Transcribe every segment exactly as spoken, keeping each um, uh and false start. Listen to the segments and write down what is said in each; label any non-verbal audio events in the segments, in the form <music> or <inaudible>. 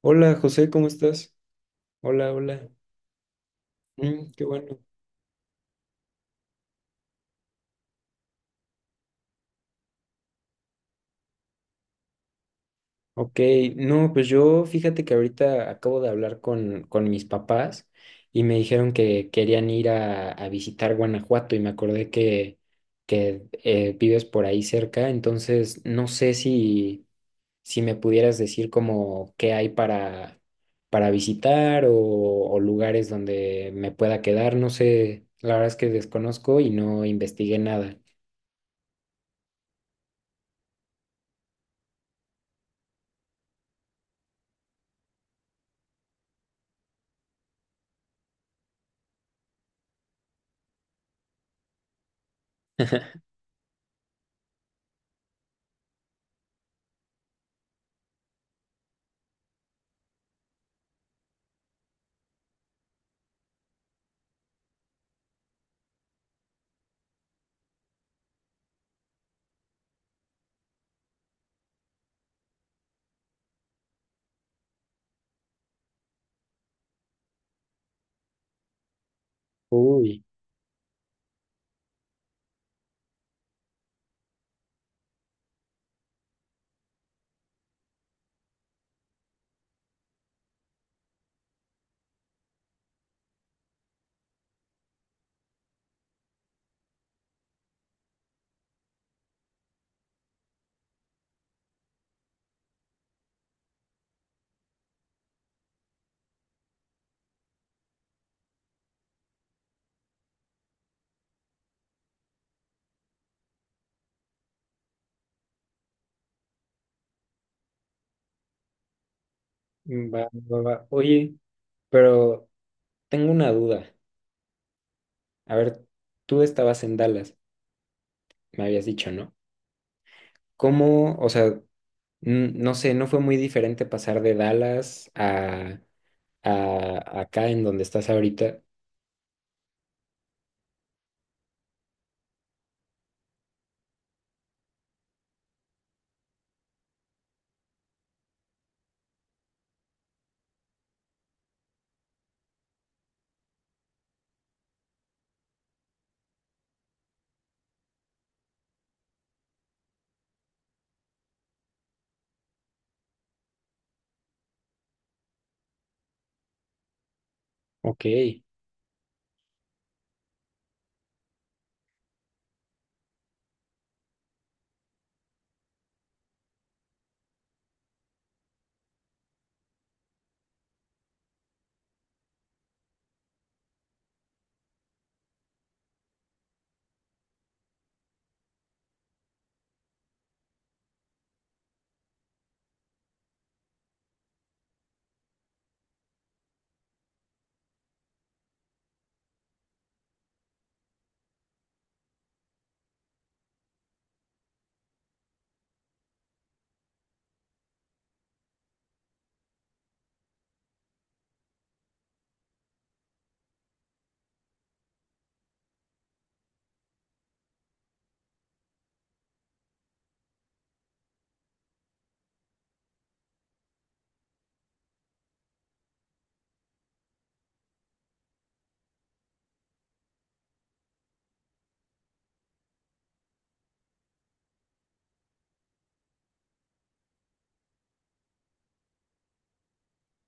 Hola José, ¿cómo estás? Hola, hola. Mm, qué bueno. Ok, no, pues yo fíjate que ahorita acabo de hablar con, con mis papás y me dijeron que querían ir a, a visitar Guanajuato y me acordé que, que eh, vives por ahí cerca, entonces no sé si, si me pudieras decir como qué hay para, para visitar o, o lugares donde me pueda quedar, no sé, la verdad es que desconozco y no investigué nada. <laughs> Uy. Va, va, va. Oye, pero tengo una duda. A ver, tú estabas en Dallas, me habías dicho, ¿no? ¿Cómo, o sea, n- no sé, no fue muy diferente pasar de Dallas a, a acá en donde estás ahorita? Ok,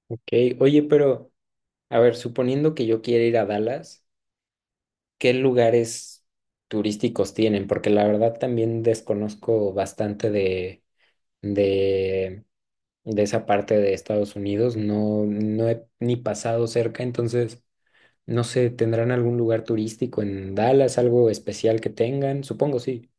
ok. Oye, pero, a ver, suponiendo que yo quiera ir a Dallas, ¿qué lugares turísticos tienen? Porque la verdad también desconozco bastante de, de de esa parte de Estados Unidos. No, no he ni pasado cerca, entonces no sé, ¿tendrán algún lugar turístico en Dallas, algo especial que tengan? Supongo sí.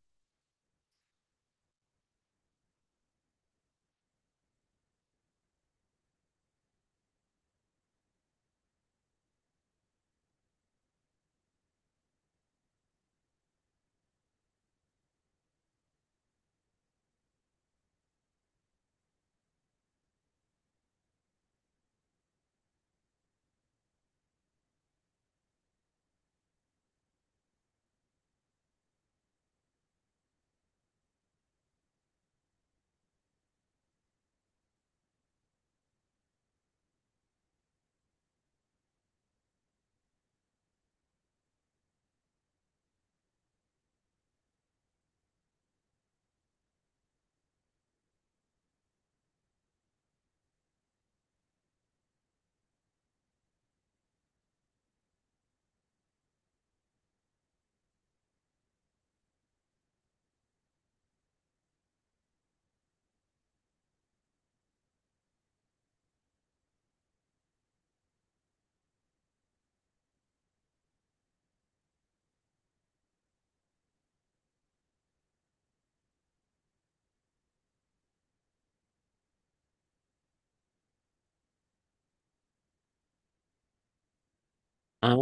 Ah,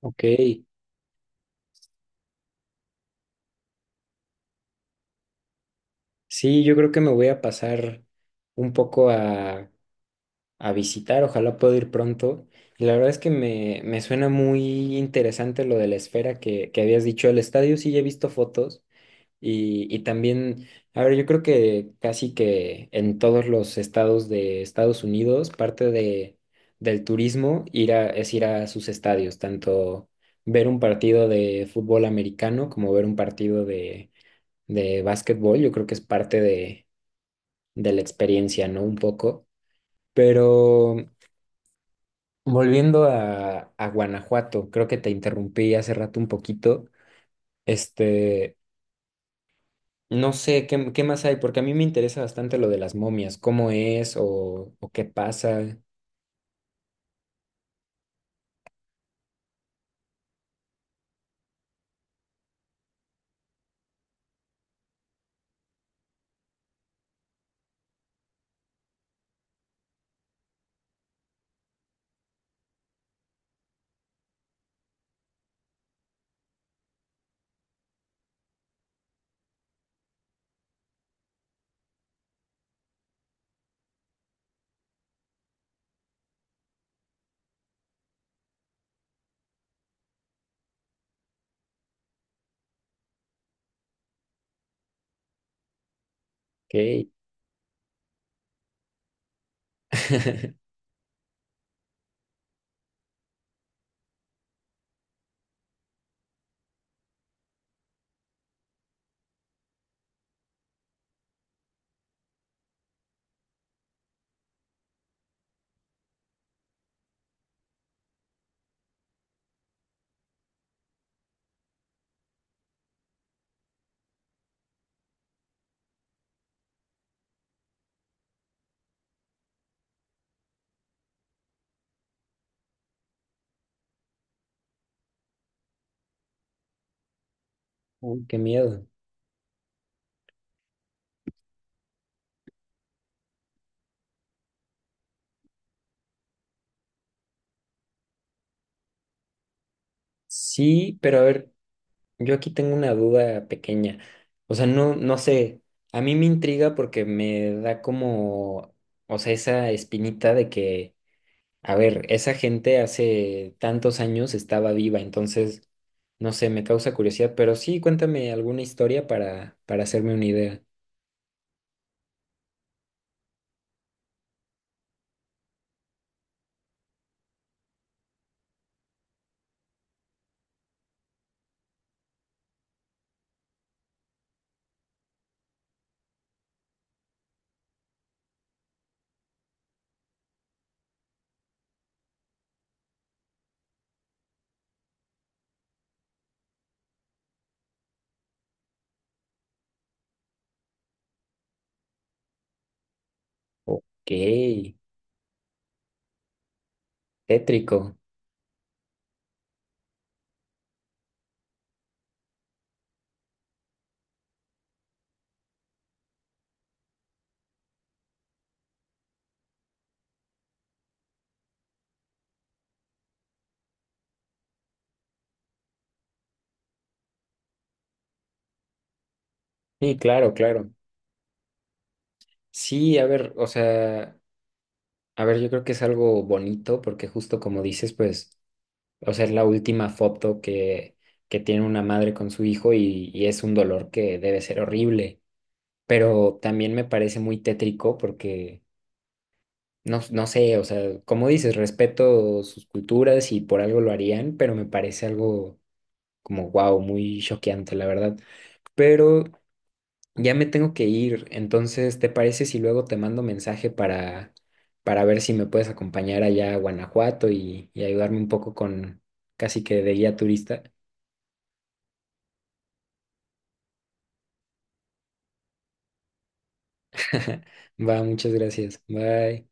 ok. Sí, yo creo que me voy a pasar un poco a, a visitar, ojalá pueda ir pronto. Y la verdad es que me, me suena muy interesante lo de la esfera que, que habías dicho. El estadio sí ya he visto fotos. Y, y también, a ver, yo creo que casi que en todos los estados de Estados Unidos, parte de, del turismo ir a, es ir a sus estadios, tanto ver un partido de fútbol americano como ver un partido de, de básquetbol. Yo creo que es parte de, de la experiencia, ¿no? Un poco. Pero volviendo a, a Guanajuato, creo que te interrumpí hace rato un poquito. Este, no sé, ¿qué, qué más hay? Porque a mí me interesa bastante lo de las momias, cómo es o, o qué pasa. ¿Qué? <laughs> Uy, qué miedo. Sí, pero a ver, yo aquí tengo una duda pequeña. O sea, no, no sé, a mí me intriga porque me da como, o sea, esa espinita de que, a ver, esa gente hace tantos años estaba viva, entonces, no sé, me causa curiosidad, pero sí, cuéntame alguna historia para, para hacerme una idea. Ok. Tétrico. Sí, claro, claro. Sí, a ver, o sea, a ver, yo creo que es algo bonito porque justo como dices, pues, o sea, es la última foto que, que tiene una madre con su hijo y, y es un dolor que debe ser horrible, pero también me parece muy tétrico porque, no, no sé, o sea, como dices, respeto sus culturas y por algo lo harían, pero me parece algo como, wow, muy choqueante, la verdad. Pero ya me tengo que ir, entonces, ¿te parece si luego te mando mensaje para, para ver si me puedes acompañar allá a Guanajuato y, y ayudarme un poco con casi que de guía turista? <laughs> Va, muchas gracias. Bye.